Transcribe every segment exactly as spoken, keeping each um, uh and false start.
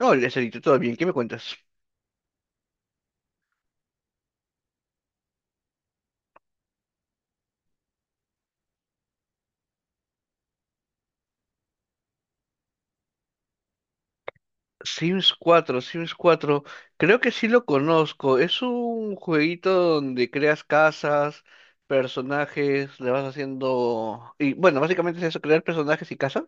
No, el Estherito, todo bien, ¿qué me cuentas? Sims cuatro, Sims cuatro. creo que sí lo conozco. Es un jueguito donde creas casas, personajes, le vas haciendo... Y bueno, básicamente es eso, crear personajes y casas.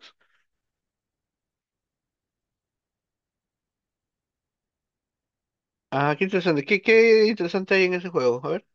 Ah, qué interesante. ¿Qué, qué interesante hay en ese juego? A ver.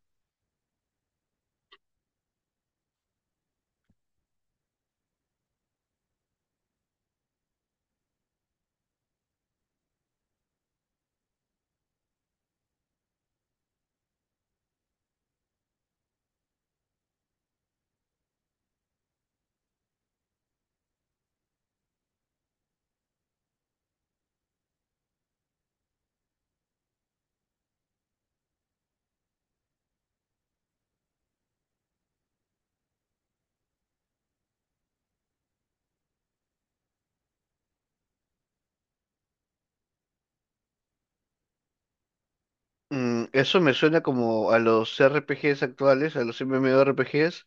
Mm, eso me suena como a los R P Gs actuales, a los M M O R P Gs,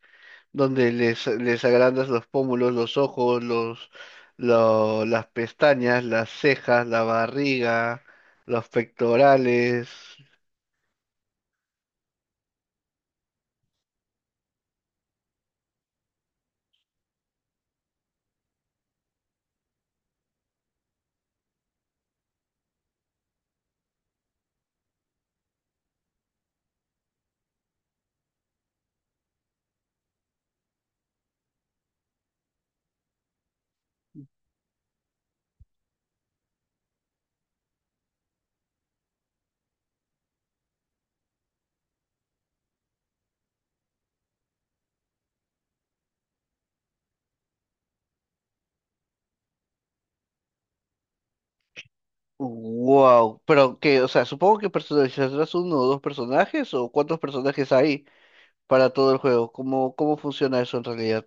donde les, les agrandas los pómulos, los ojos, los, lo- las pestañas, las cejas, la barriga, los pectorales. Wow, pero que, o sea, supongo que personalizarás uno o dos personajes o cuántos personajes hay para todo el juego. ¿Cómo, cómo funciona eso en realidad?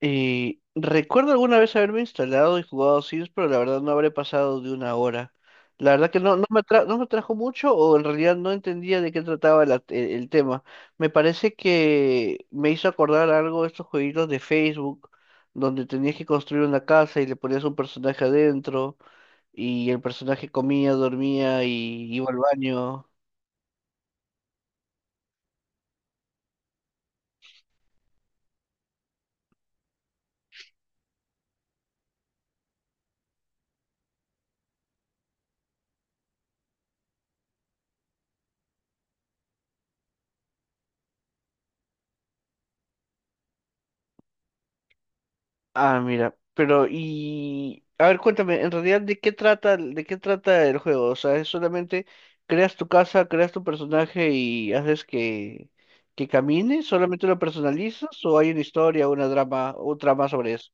Eh, recuerdo alguna vez haberme instalado y jugado Sims, pero la verdad no habré pasado de una hora. La verdad que no, no me atra- no me atrajo mucho o en realidad no entendía de qué trataba la- el, el tema. Me parece que me hizo acordar algo de estos jueguitos de Facebook, donde tenías que construir una casa y le ponías un personaje adentro y el personaje comía, dormía y iba al baño. Ah, mira, pero y a ver, cuéntame, en realidad de qué trata, de qué trata el juego, o sea, es solamente creas tu casa, creas tu personaje y haces que que camine, solamente lo personalizas o hay una historia, una drama, un trama sobre eso.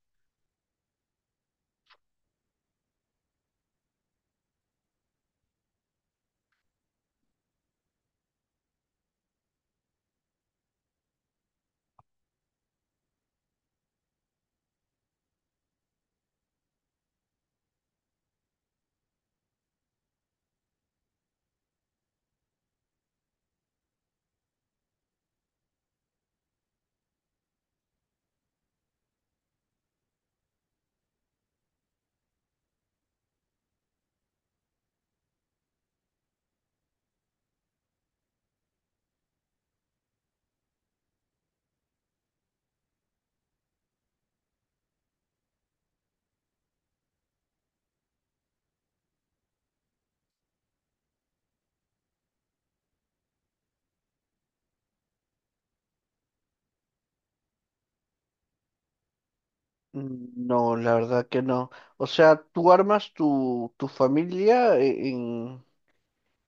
Mm, No, la verdad que no. O sea, tú armas tu tu familia e- en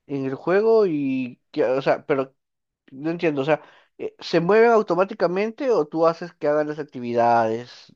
en el juego y que- o sea, pero no entiendo, o sea, eh, ¿se mueven automáticamente o tú haces que hagan las actividades?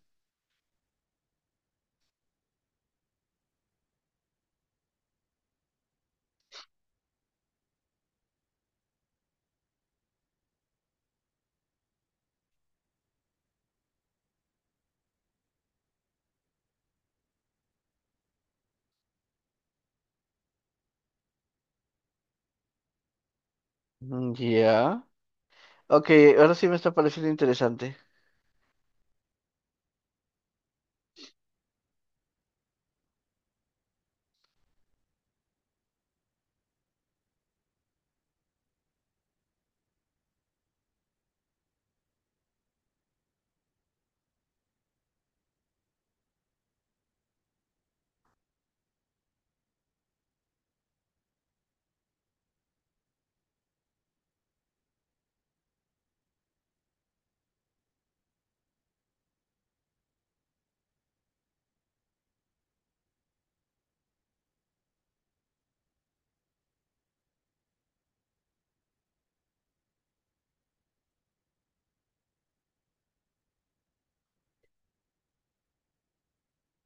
Mm. Ya. Ok, ahora sí me está pareciendo interesante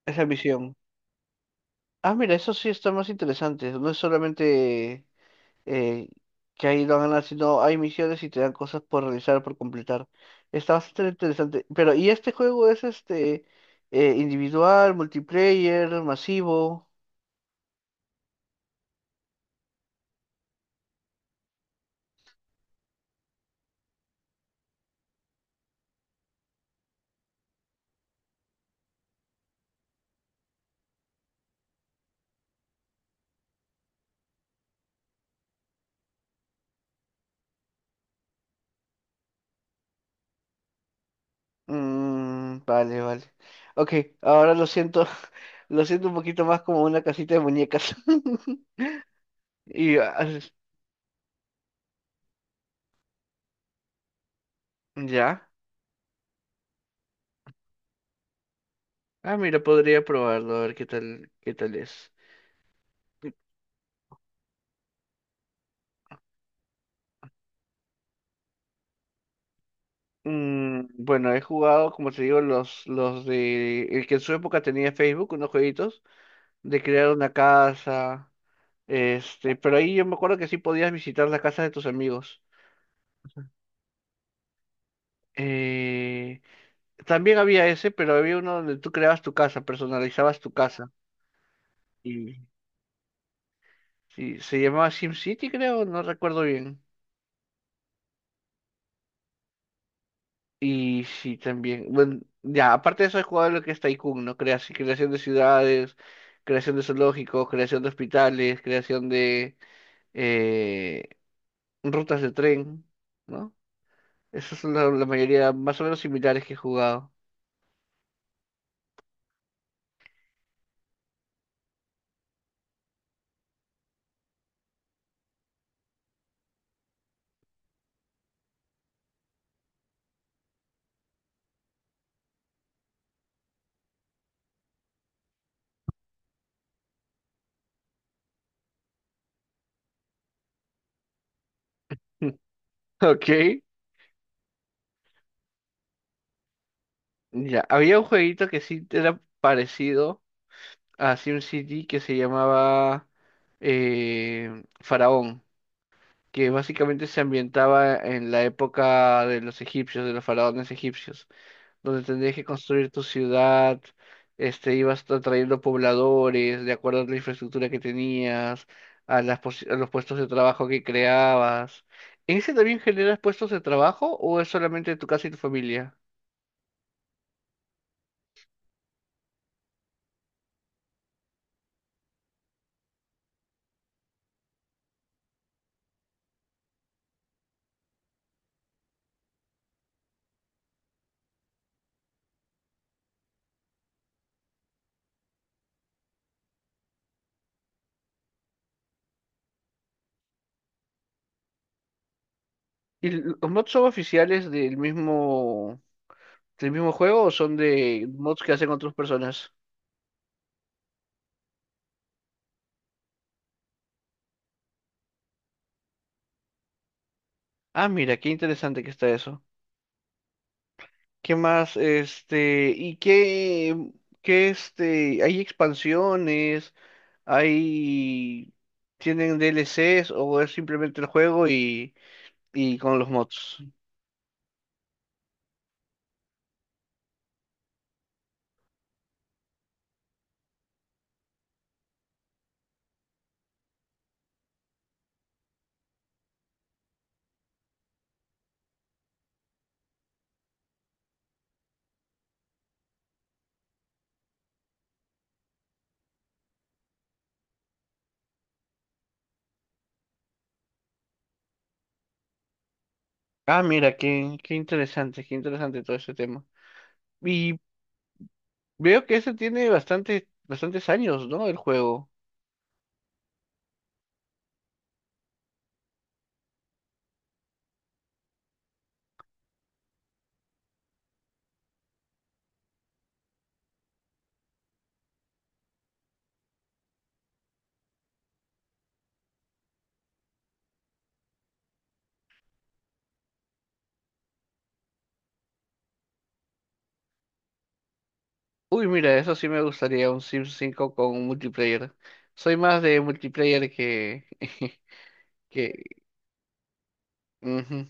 esa misión. Ah, mira, eso sí está más interesante. No es solamente eh, que ahí lo ganas, sino hay misiones y te dan cosas por realizar, por completar. Está bastante interesante. Pero, ¿y este juego es este eh, individual, multiplayer, masivo? Mm, vale, vale. Ok, ahora lo siento, lo siento un poquito más como una casita de muñecas. Y ah, ya. Ah, mira, podría probarlo, a ver qué tal, qué tal es. Mm, bueno, he jugado, como te digo, los, los de... El que en su época tenía Facebook, unos jueguitos, de crear una casa, este, pero ahí yo me acuerdo que sí podías visitar la casa de tus amigos. Eh, También había ese, pero había uno donde tú creabas tu casa, personalizabas tu casa. Y sí, se llamaba SimCity, creo, no recuerdo bien. Y sí, también. Bueno, ya, aparte de eso he jugado lo que es Tycoon, ¿no? Crea- creación de ciudades, creación de zoológicos, creación de hospitales, creación de eh, rutas de tren, ¿no? Esas son la, la mayoría más o menos similares que he jugado. Ok. Ya, había un jueguito que sí era parecido a SimCity que se llamaba eh, Faraón, que básicamente se ambientaba en la época de los egipcios, de los faraones egipcios. donde tendrías que construir tu ciudad, este, ibas tra- trayendo pobladores de acuerdo a la infraestructura que tenías, a las posi- a los puestos de trabajo que creabas. ¿En ese también generas puestos de trabajo o es solamente tu casa y tu familia? ¿Y l- los mods son oficiales del mismo, del mismo juego o son de mods que hacen otras personas? Ah, mira, qué interesante que está eso. ¿Qué más? Este, ¿y qué, qué este, hay expansiones? Hay Tienen D L Cs o es simplemente el juego y, y con los mods. Ah, mira, qué, qué interesante, qué interesante todo ese tema. Y veo que ese tiene bastante, bastantes años, ¿no? El juego. Uy, mira, eso sí me gustaría, un Sims cinco con multiplayer. Soy más de multiplayer que... que... Ujú.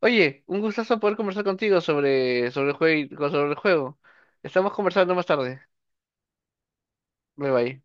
Oye, un gustazo poder conversar contigo sobre, sobre el jue- sobre el juego. Estamos conversando más tarde. Bye bye.